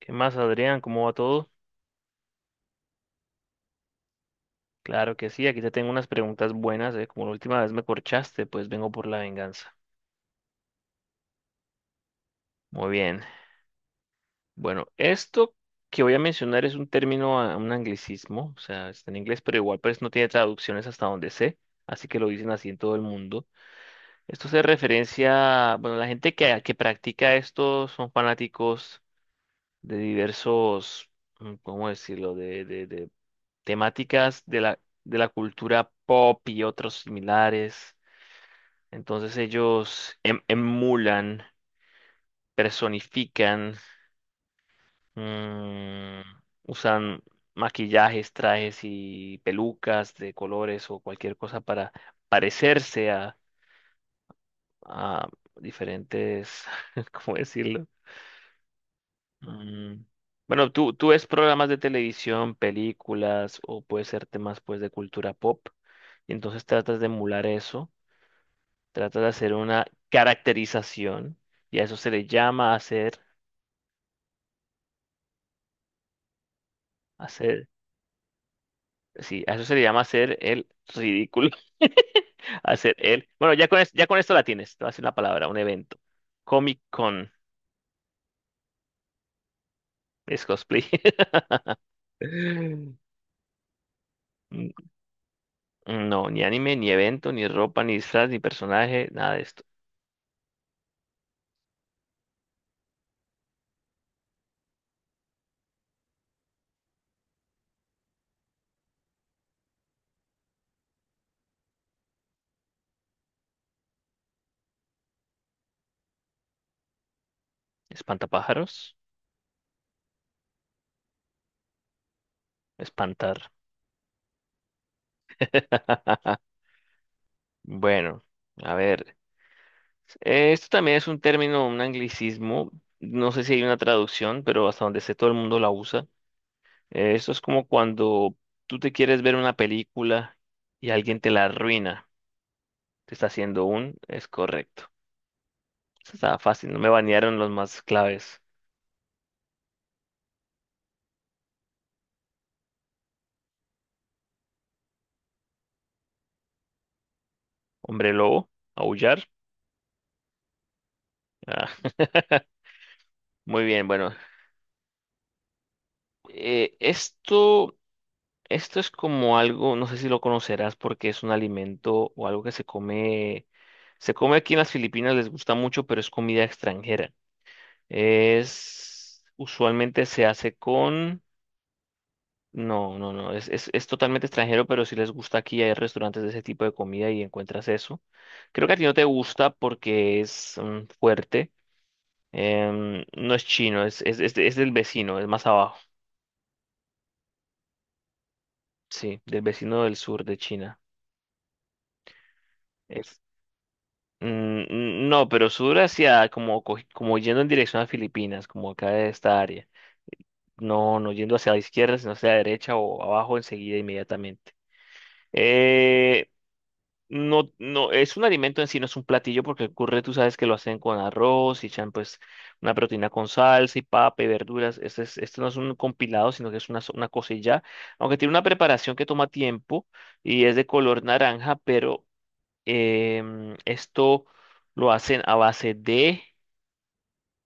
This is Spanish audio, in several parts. ¿Qué más, Adrián? ¿Cómo va todo? Claro que sí, aquí te tengo unas preguntas buenas, ¿eh? Como la última vez me corchaste, pues vengo por la venganza. Muy bien. Bueno, esto que voy a mencionar es un término, un anglicismo, o sea, está en inglés, pero igual pues no tiene traducciones hasta donde sé, así que lo dicen así en todo el mundo. Esto se referencia, bueno, la gente que practica esto son fanáticos de diversos, ¿cómo decirlo? De temáticas de la cultura pop y otros similares. Entonces ellos emulan, personifican, mm, usan maquillajes, trajes y pelucas de colores o cualquier cosa para parecerse a diferentes, ¿cómo decirlo? Mm, Bueno, tú ves programas de televisión, películas o puede ser temas pues de cultura pop y entonces tratas de emular eso, tratas de hacer una caracterización y a eso se le llama hacer. Hacer, sí, a eso se le llama hacer el ridículo. Hacer el. Bueno, ya con esto la tienes. Te voy a hacer una palabra, un evento. Comic Con es cosplay. Mm, no, ni anime, ni evento, ni ropa, ni disfraz, ni personaje, nada de esto. Espantapájaros, espantar. Bueno, a ver. Esto también es un término, un anglicismo. No sé si hay una traducción, pero hasta donde sé todo el mundo la usa. Esto es como cuando tú te quieres ver una película y alguien te la arruina. Te está haciendo un... Es correcto. Esto estaba fácil, no me banearon los más claves. Hombre lobo, aullar. Ah, muy bien, bueno. Eh, esto, esto es como algo, no sé si lo conocerás porque es un alimento o algo que se come... Se come aquí en las Filipinas, les gusta mucho, pero es comida extranjera. Es... Usualmente se hace con... No, no, no, es totalmente extranjero, pero si les gusta aquí, hay restaurantes de ese tipo de comida y encuentras eso. Creo que a ti no te gusta porque es fuerte. No es chino, es del vecino, es más abajo. Sí, del vecino del sur de China. Es, mm, no, pero sur hacia como, como yendo en dirección a Filipinas, como acá de esta área. No, no yendo hacia la izquierda, sino hacia la derecha o abajo enseguida, inmediatamente. Eh, No, no, es un alimento en sí, no es un platillo, porque el curry tú sabes que lo hacen con arroz y echan pues una proteína con salsa y papa y verduras. Este no es un compilado, sino que es una, una cosa y ya. Aunque tiene una preparación que toma tiempo y es de color naranja, pero esto lo hacen a base de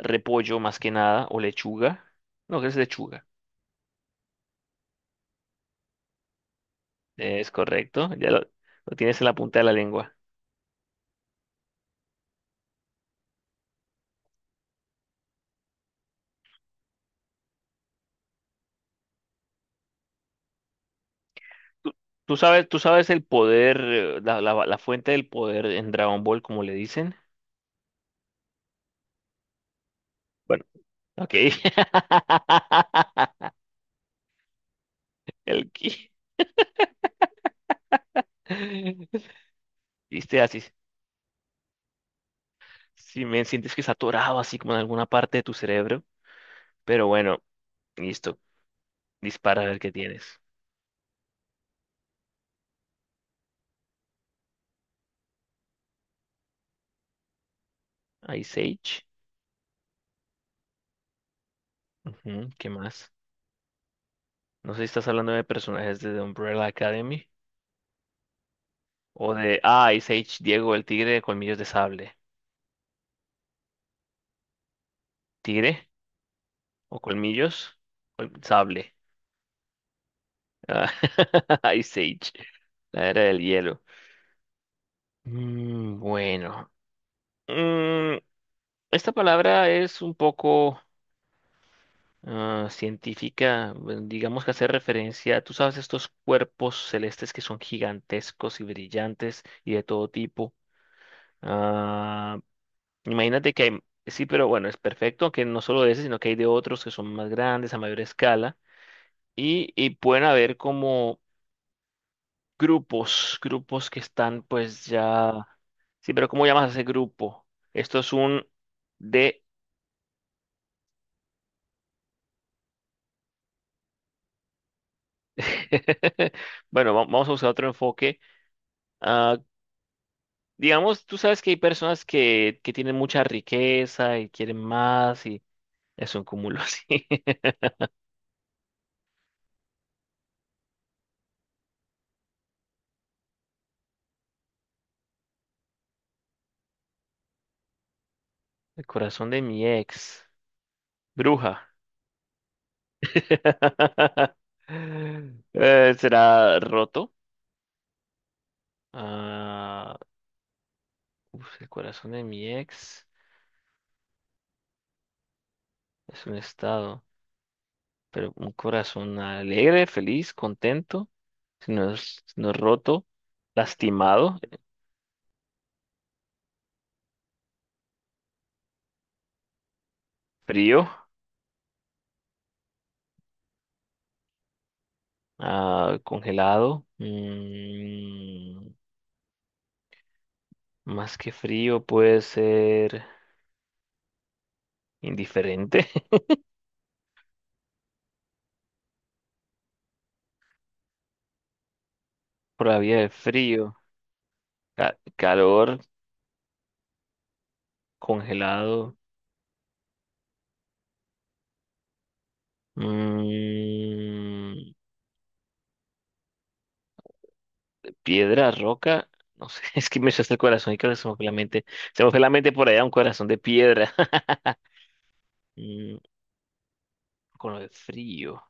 repollo más que nada o lechuga. No, que es lechuga. Es correcto, lo tienes en la punta de la lengua. tú, tú sabes, tú sabes el poder, la fuente del poder en Dragon Ball, como le dicen. Bueno, ok. El ki. Viste, así. Si me sientes que está atorado así como en alguna parte de tu cerebro. Pero bueno, listo. Dispara a ver qué tienes. Ice Age. Ujú, ¿qué más? No sé si estás hablando de personajes de The Umbrella Academy. O de. Ah, Ice Age, Diego, el tigre de colmillos de sable. ¿Tigre? ¿O colmillos? Col- sable. Ah, Ice Age, la era del hielo. Bueno, Mm, esta palabra es un poco científica, bueno, digamos que hace referencia, tú sabes, estos cuerpos celestes que son gigantescos y brillantes y de todo tipo. Ah, imagínate que hay, sí, pero bueno, es perfecto, que no solo de ese, sino que hay de otros que son más grandes, a mayor escala, y pueden haber como... grupos, grupos que están pues ya... Sí, pero ¿cómo llamas a ese grupo? Esto es un de... Bueno, vamos a buscar otro enfoque. Ah, digamos, tú sabes que hay personas que tienen mucha riqueza y quieren más y es un cúmulo así. El corazón de mi ex. Bruja. ¿Será roto? Ah, uf, el corazón de mi ex es un estado. Pero un corazón alegre, feliz, contento, si no es roto, lastimado, frío, congelado, más que frío puede ser indiferente, por la vía de frío, calor, congelado, mm, piedra, roca. No sé, es que me echaste el corazón y creo que se me fue la mente. Se me fue la mente por allá un corazón de piedra. Mm, con lo de frío.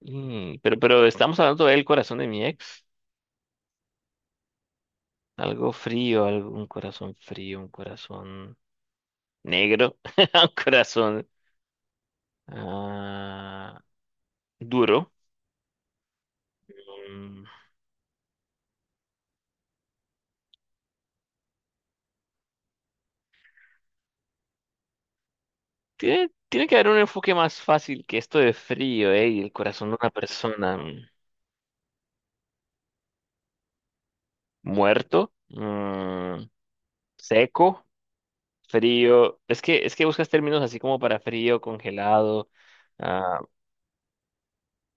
Pero estamos hablando del corazón de mi ex. Algo frío, algo, un corazón frío, un corazón negro, un corazón ah, duro. Mm, tiene, tiene que haber un enfoque más fácil que esto de frío, ¿eh? Y el corazón de una persona muerto, seco, frío. Es que buscas términos así como para frío, congelado, ah,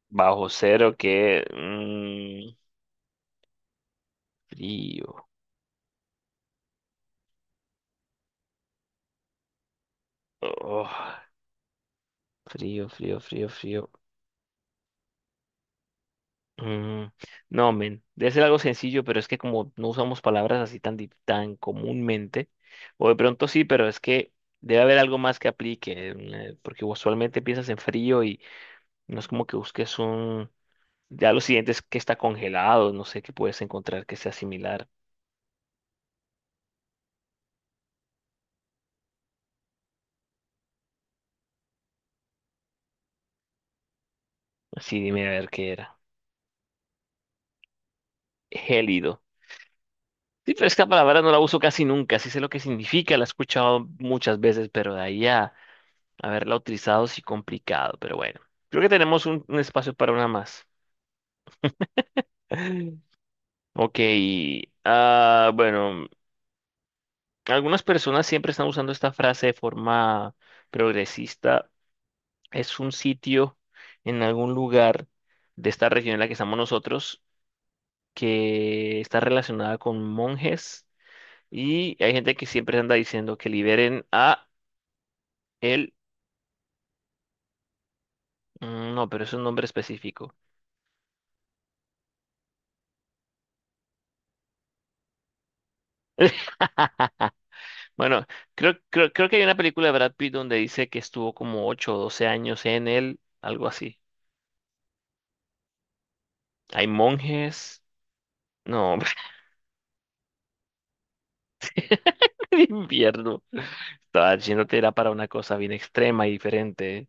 bajo cero, que frío. Oh. Frío, frío, frío, frío. Mm, no, men, debe ser algo sencillo, pero es que como no usamos palabras así tan, tan comúnmente, o de pronto sí, pero es que debe haber algo más que aplique, porque usualmente piensas en frío y no es como que busques un... Ya lo siguiente es que está congelado, no sé qué puedes encontrar que sea similar. Sí, dime a ver qué era. Gélido. Sí, pero esta palabra no la uso casi nunca, sí sé lo que significa, la he escuchado muchas veces, pero de ahí a... haberla utilizado sí complicado, pero bueno. Creo que tenemos un espacio para una más. Ok. Bueno, algunas personas siempre están usando esta frase de forma progresista. Es un sitio en algún lugar de esta región en la que estamos nosotros que está relacionada con monjes y hay gente que siempre anda diciendo que liberen a él. No, pero es un nombre específico. Bueno, creo que hay una película de Brad Pitt donde dice que estuvo como 8 o 12 años en él, algo así. Hay monjes. No, hombre, el invierno. Estaba yéndote era para una cosa bien extrema y diferente.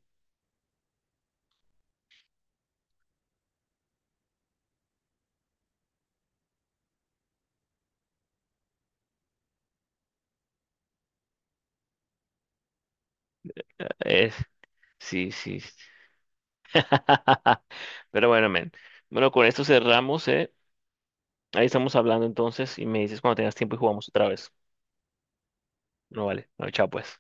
Es, sí, sí. Pero bueno, men. Bueno, con esto cerramos, ¿eh? Ahí estamos hablando entonces y me dices cuando tengas tiempo y jugamos otra vez. No vale. Bueno, chao pues.